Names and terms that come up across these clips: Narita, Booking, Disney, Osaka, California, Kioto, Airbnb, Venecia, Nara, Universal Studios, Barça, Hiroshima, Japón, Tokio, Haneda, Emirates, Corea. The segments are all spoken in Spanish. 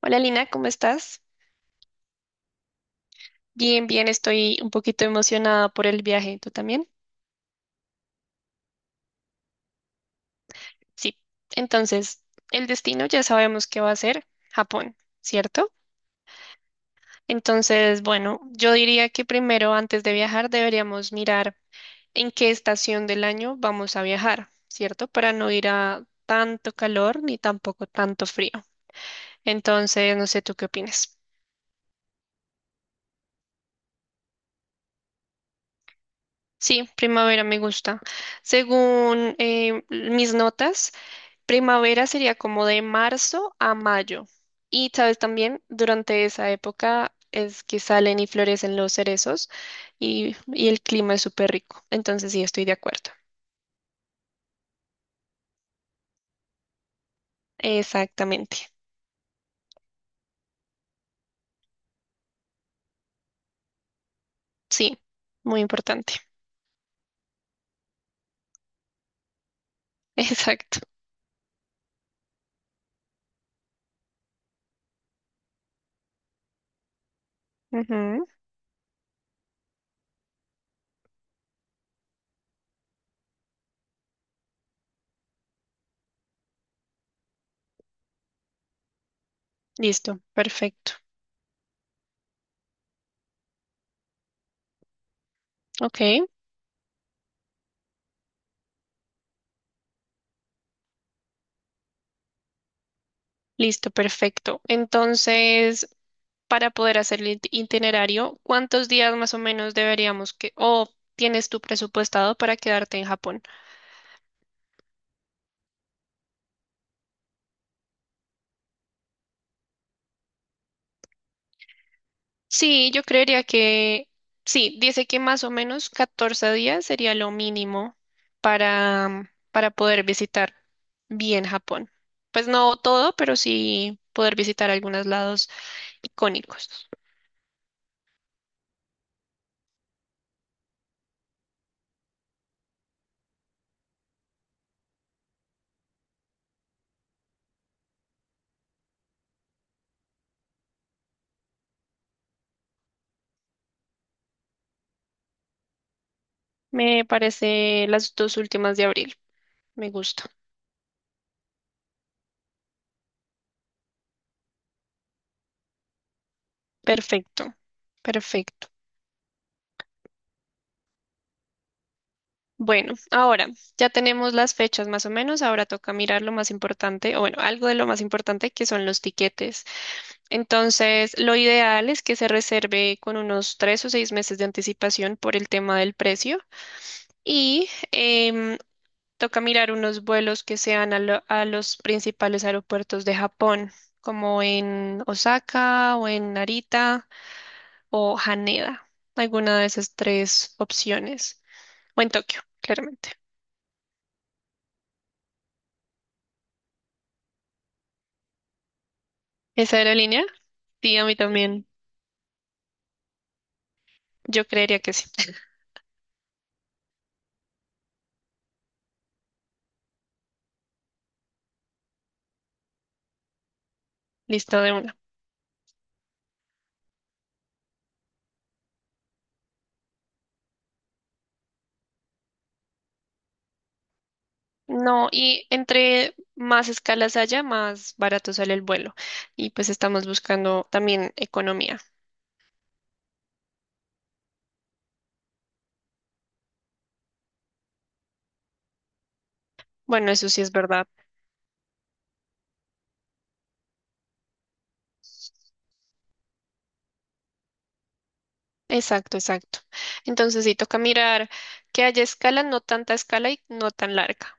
Hola Lina, ¿cómo estás? Bien, bien, estoy un poquito emocionada por el viaje. ¿Tú también? Sí. Entonces, el destino ya sabemos que va a ser Japón, ¿cierto? Entonces, bueno, yo diría que primero, antes de viajar, deberíamos mirar en qué estación del año vamos a viajar, ¿cierto? Para no ir a tanto calor ni tampoco tanto frío. Entonces, no sé, ¿tú qué opinas? Sí, primavera me gusta. Según mis notas, primavera sería como de marzo a mayo. Y sabes también, durante esa época es que salen y florecen los cerezos y el clima es súper rico. Entonces sí, estoy de acuerdo. Exactamente. Sí, muy importante. Exacto. Ujú. Listo, perfecto. Ok, listo, perfecto. Entonces, para poder hacer el itinerario, ¿cuántos días más o menos deberíamos que, o tienes tu presupuestado para quedarte en Japón? Sí, yo creería que sí, dice que más o menos 14 días sería lo mínimo para poder visitar bien Japón. Pues no todo, pero sí poder visitar algunos lados icónicos. Me parece las dos últimas de abril. Me gusta. Perfecto, perfecto. Bueno, ahora ya tenemos las fechas más o menos. Ahora toca mirar lo más importante, o bueno, algo de lo más importante que son los tiquetes. Entonces, lo ideal es que se reserve con unos 3 o 6 meses de anticipación por el tema del precio y toca mirar unos vuelos que sean a los principales aeropuertos de Japón, como en Osaka o en Narita o Haneda, alguna de esas tres opciones, o en Tokio, claramente. ¿Esa aerolínea? Sí, a mí también. Yo creería que sí. Listo de una. No, y entre más escalas haya, más barato sale el vuelo. Y pues estamos buscando también economía. Bueno, eso sí es verdad. Exacto, exacto. Entonces sí toca mirar que haya escala, no tanta escala y no tan larga.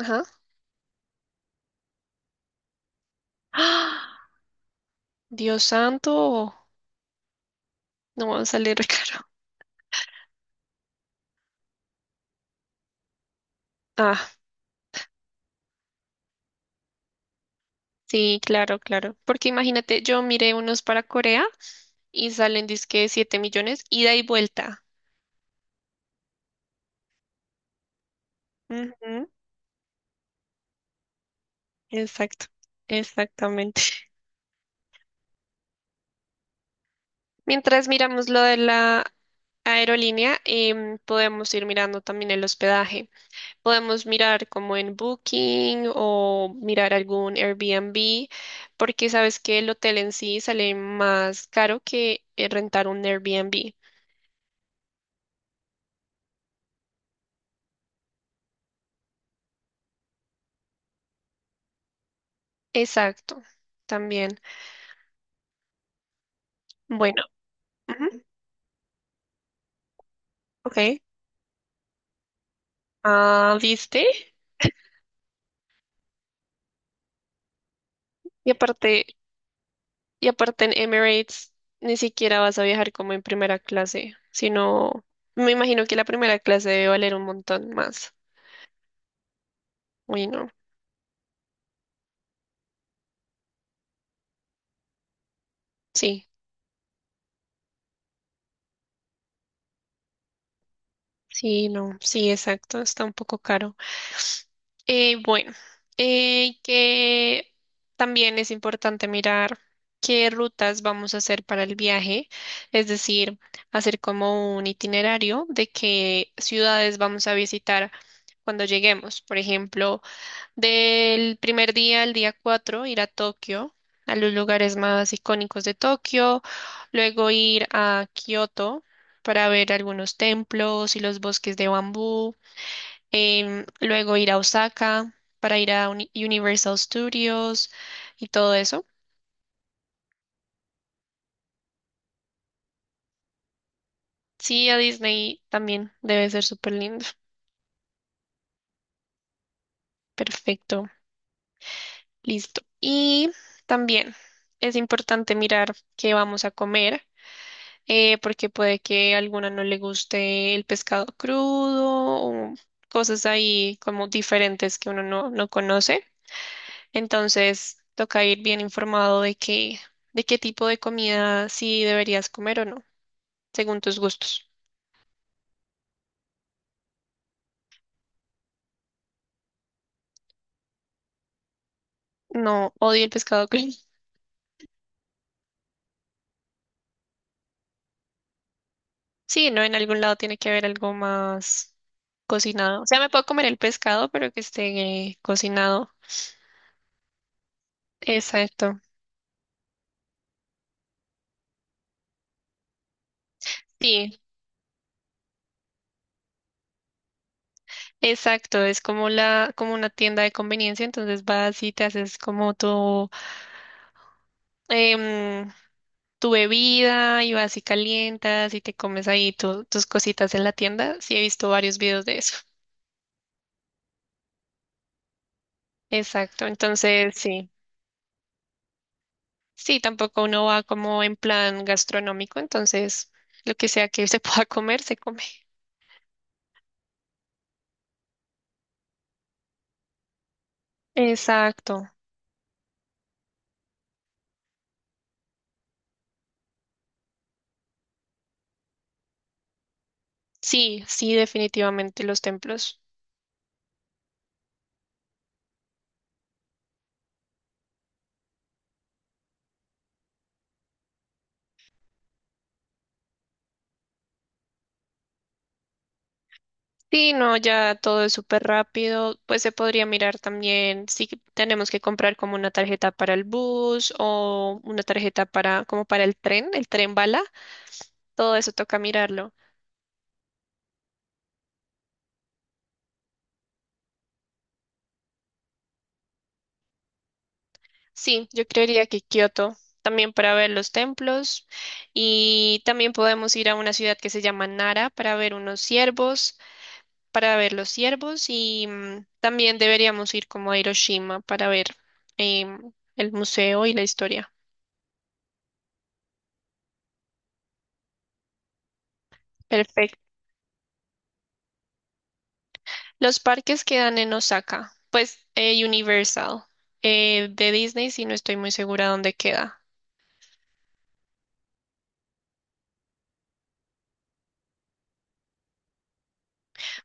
Ajá. ¡Ah! Dios santo, no va a salir caro. Ah, sí, claro, claro. Porque imagínate, yo miré unos para Corea y salen disque 7 millones ida y vuelta. Ujú, exacto, exactamente. Mientras miramos lo de la aerolínea, podemos ir mirando también el hospedaje. Podemos mirar como en Booking o mirar algún Airbnb, porque sabes que el hotel en sí sale más caro que rentar un Airbnb. Exacto, también. Bueno, ujú, ok. Ah, ¿viste? Y aparte, y aparte en Emirates ni siquiera vas a viajar como en primera clase, sino me imagino que la primera clase debe valer un montón más. Uy, no. Sí, sí, no, sí, exacto, está un poco caro. Bueno, que también es importante mirar qué rutas vamos a hacer para el viaje, es decir, hacer como un itinerario de qué ciudades vamos a visitar cuando lleguemos. Por ejemplo, del primer día al día 4 ir a Tokio, a los lugares más icónicos de Tokio, luego ir a Kioto para ver algunos templos y los bosques de bambú, luego ir a Osaka para ir a Universal Studios y todo eso. Sí, a Disney también debe ser súper lindo. Perfecto, listo. Y también es importante mirar qué vamos a comer porque puede que a alguna no le guste el pescado crudo o cosas ahí como diferentes que uno no conoce. Entonces, toca ir bien informado de qué tipo de comida sí deberías comer o no, según tus gustos. No, odio el pescado crudo. Sí, no, en algún lado tiene que haber algo más cocinado. O sea, me puedo comer el pescado, pero que esté cocinado. Exacto. Sí, exacto, es como la, como una tienda de conveniencia, entonces vas y te haces como em, tu bebida y vas y calientas y te comes ahí tus cositas en la tienda. Sí, he visto varios videos de eso. Exacto, entonces sí, sí, tampoco uno va como en plan gastronómico, entonces lo que sea que se pueda comer, se come. Exacto, sí, sí, definitivamente los templos. Sí, no, ya todo es súper rápido. Pues se podría mirar también si tenemos que comprar como una tarjeta para el bus o una tarjeta para como para el tren bala. Todo eso toca mirarlo. Sí, yo creería que Kioto también para ver los templos y también podemos ir a una ciudad que se llama Nara para ver unos ciervos, para ver los ciervos y también deberíamos ir como a Hiroshima para ver el museo y la historia. Perfecto. Los parques quedan en Osaka, pues Universal, de Disney, si no estoy muy segura dónde queda.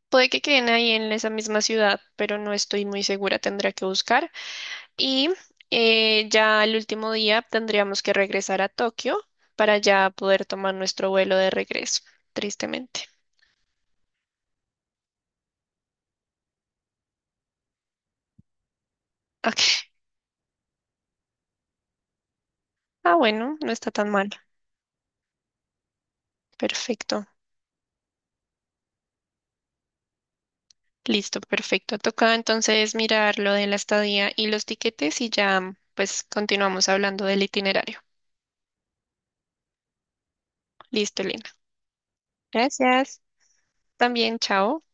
Puede que queden ahí en esa misma ciudad, pero no estoy muy segura, tendré que buscar. Y ya el último día tendríamos que regresar a Tokio para ya poder tomar nuestro vuelo de regreso, tristemente. Ok. Ah, bueno, no está tan mal. Perfecto. Listo, perfecto. Toca entonces mirar lo de la estadía y los tiquetes y ya pues continuamos hablando del itinerario. Listo, Elena. Gracias. También, chao.